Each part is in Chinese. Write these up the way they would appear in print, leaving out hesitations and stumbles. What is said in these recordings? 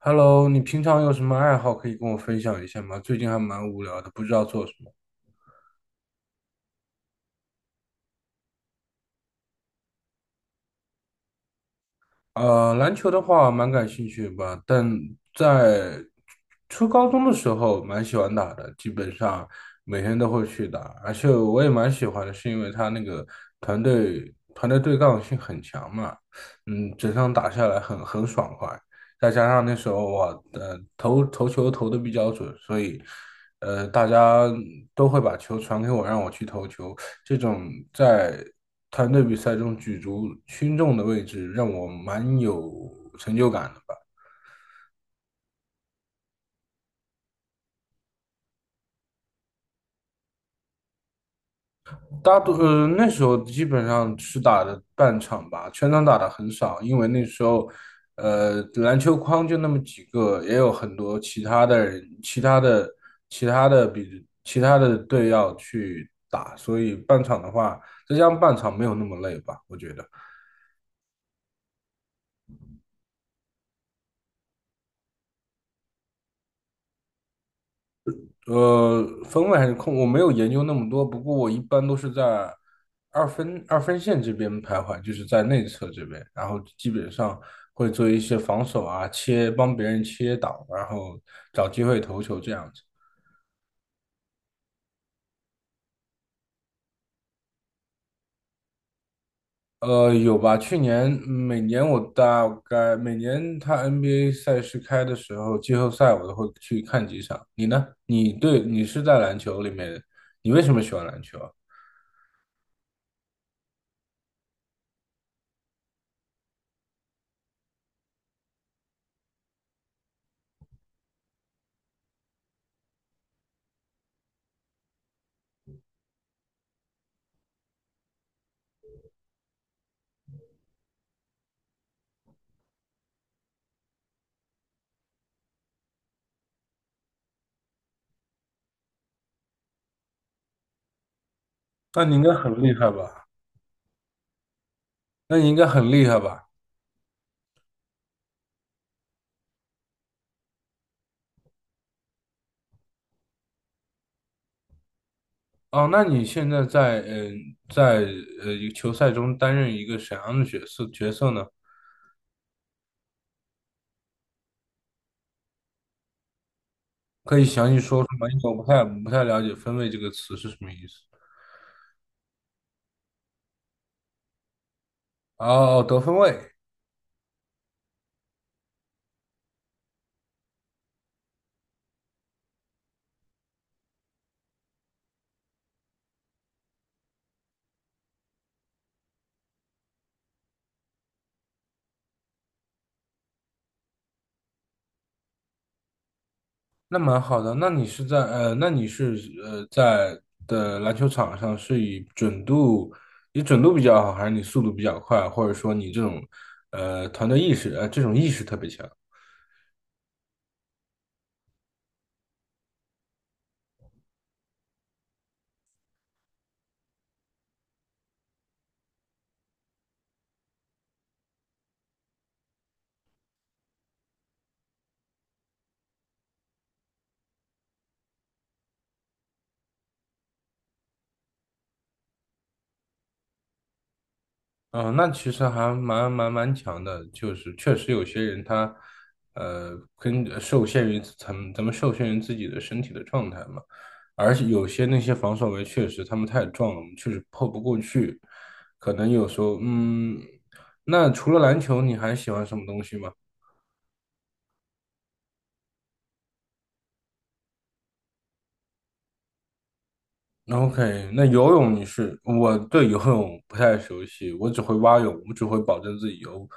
Hello，你平常有什么爱好可以跟我分享一下吗？最近还蛮无聊的，不知道做什么。篮球的话蛮感兴趣吧，但在初高中的时候蛮喜欢打的，基本上每天都会去打，而且我也蛮喜欢的，是因为他那个团队对抗性很强嘛，整场打下来很爽快，再加上那时候我的投球投的比较准，所以大家都会把球传给我，让我去投球。这种在团队比赛中举足轻重的位置，让我蛮有成就感的吧。大多那时候基本上是打的半场吧，全场打的很少，因为那时候篮球框就那么几个，也有很多其他的人、其他的队要去打，所以半场的话，再加上半场没有那么累吧，我觉得。分位还是控，我没有研究那么多，不过我一般都是在二分线这边徘徊，就是在内侧这边，然后基本上会做一些防守啊，切，帮别人切挡，然后找机会投球这样子。有吧？每年我大概他 NBA 赛事开的时候，季后赛我都会去看几场。你呢？你是在篮球里面，你为什么喜欢篮球啊？那你应该很厉害吧？那你应该很厉害吧？哦，那你现在在呃在一个球赛中担任一个什么样的角色呢？可以详细说说吗？因为我不太了解"分位"这个词是什么意思。哦，哦得分位，那蛮好的。那你是在的篮球场上是以准度，你准度比较好，还是你速度比较快，或者说你这种团队意识这种意识特别强？嗯，那其实还蛮强的，就是确实有些人他，呃，跟受限于咱们受限于自己的身体的状态嘛，而且有些那些防守围确实他们太壮了，我们确实破不过去，可能有时候，那除了篮球，你还喜欢什么东西吗？OK，那游泳我对游泳不太熟悉，我只会蛙泳，我只会保证自己游，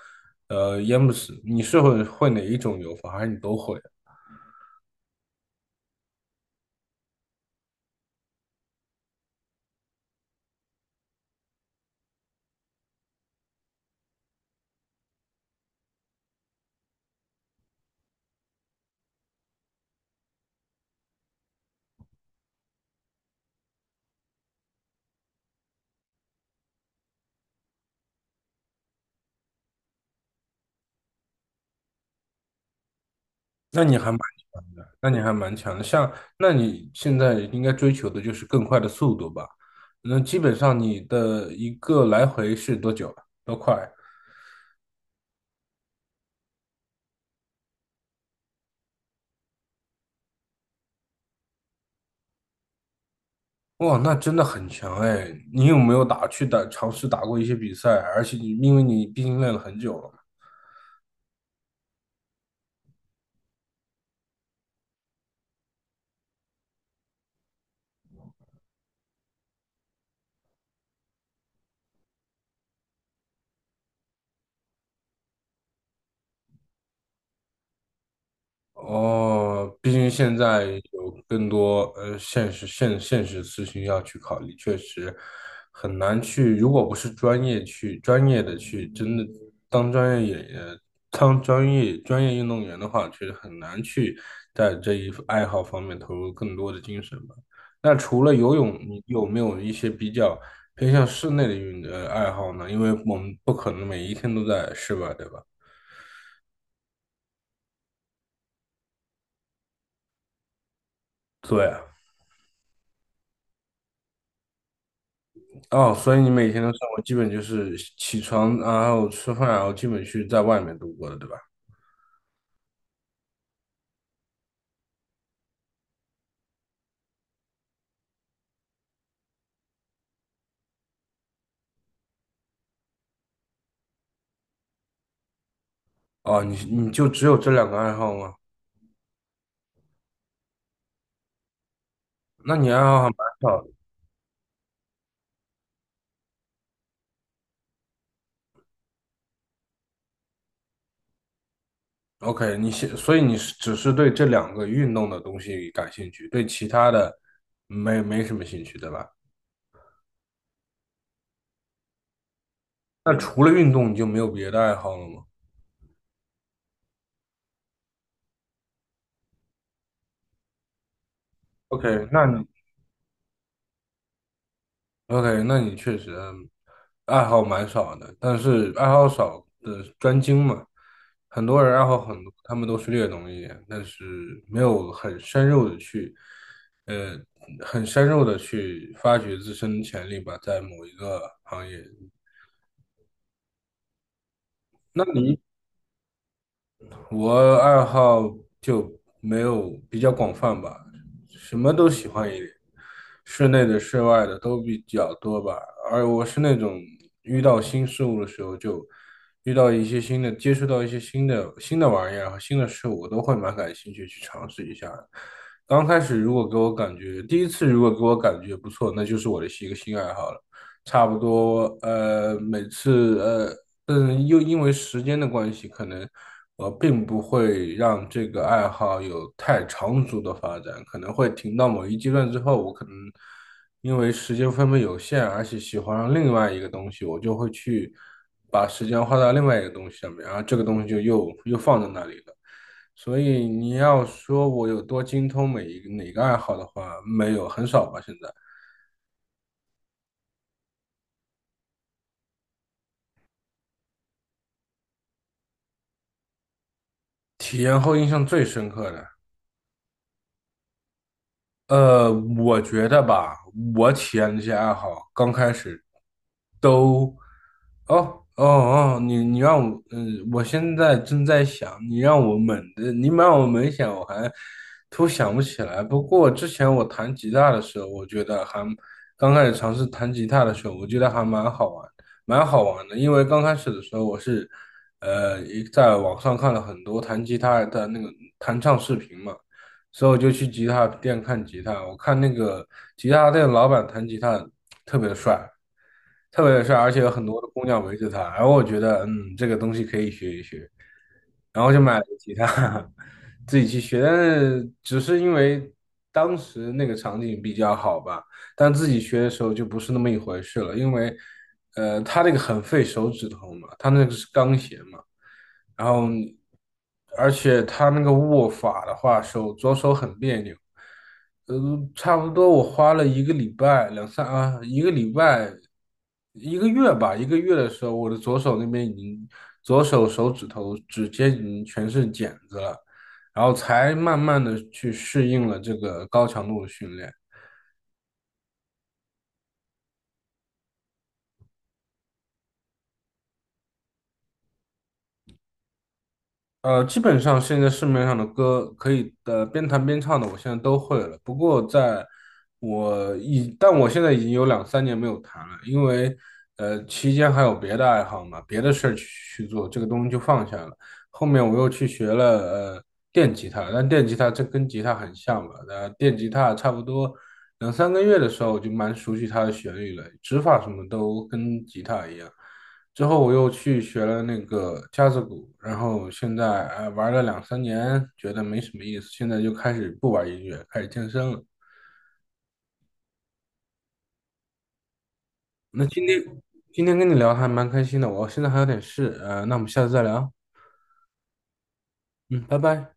淹不死。你是会哪一种游法，还是你都会？那你还蛮强的，那你还蛮强的。像，那你现在应该追求的就是更快的速度吧？那基本上你的一个来回是多久啊多快？哇，那真的很强哎！你有没有打去打尝试打过一些比赛？而且你因为你毕竟练了很久了嘛。哦，毕竟现在有更多现实事情要去考虑，确实很难去。如果不是专业的去真的当专业演员、当专业运动员的话，确实很难去在这一爱好方面投入更多的精神吧。那除了游泳，你有没有一些比较偏向室内的爱好呢？因为我们不可能每一天都在室外，对吧？对。啊。哦，所以你每天的生活基本就是起床，然后吃饭，然后基本去在外面度过的，对吧？哦，你就只有这两个爱好吗？那你爱好还蛮少的。OK，所以你是只是对这两个运动的东西感兴趣，对其他的没什么兴趣，对吧？那除了运动，你就没有别的爱好了吗？OK，OK，那你确实爱好蛮少的，但是爱好少的专精嘛。很多人爱好很多，他们都是略懂一点，但是没有呃，很深入的去发掘自身的潜力吧，在某一个行业。那你我爱好就没有比较广泛吧，什么都喜欢一点，室内的、室外的都比较多吧。而我是那种遇到新事物的时候，就遇到一些新的，接触到一些新的玩意儿和新的事物，我都会蛮感兴趣去尝试一下的刚开始如果给我感觉，第一次如果给我感觉不错，那就是我的一个新爱好了。差不多，呃，每次呃嗯，又因为时间的关系，可能我并不会让这个爱好有太长足的发展，可能会停到某一阶段之后，我可能因为时间分配有限，而且喜欢上另外一个东西，我就会去把时间花到另外一个东西上面，然后这个东西就又放在那里了。所以你要说我有多精通每一个哪个爱好的话，没有，很少吧，现在。体验后印象最深刻的。呃，我觉得吧，我体验这些爱好刚开始都，哦哦哦，你让我，我现在正在想，你让我猛想，我还突想不起来。不过之前我弹吉他的时候，我觉得还刚开始尝试弹吉他的时候，我觉得还蛮好玩，蛮好玩的。因为刚开始的时候，我是呃一在网上看了很多弹吉他的那个弹唱视频嘛。所以我就去吉他店看吉他。我看那个吉他店老板弹吉他特别的帅，特别的帅，而且有很多的姑娘围着他。然后我觉得，这个东西可以学一学，然后就买了个吉他，自己去学。但是只是因为当时那个场景比较好吧，但自己学的时候就不是那么一回事了，因为，他那个很费手指头嘛，他那个是钢弦嘛。然后而且他那个握法的话，左手很别扭，呃，差不多我花了一个礼拜，两三啊，一个礼拜，一个月吧，一个月的时候，我的左手那边已经，左手手指头指尖已经全是茧子了，然后才慢慢的去适应了这个高强度的训练。基本上现在市面上的歌可以边弹边唱的，我现在都会了。不过在我已，但我现在已经有两三年没有弹了，因为期间还有别的爱好嘛，别的事儿去做，这个东西就放下了。后面我又去学了呃电吉他，但电吉他这跟吉他很像嘛，电吉他差不多两三个月的时候我就蛮熟悉它的旋律了，指法什么都跟吉他一样。之后我又去学了那个架子鼓，然后现在哎玩了两三年，觉得没什么意思，现在就开始不玩音乐，开始健身了。那今天跟你聊还蛮开心的，我现在还有点事，那我们下次再聊，嗯，拜拜。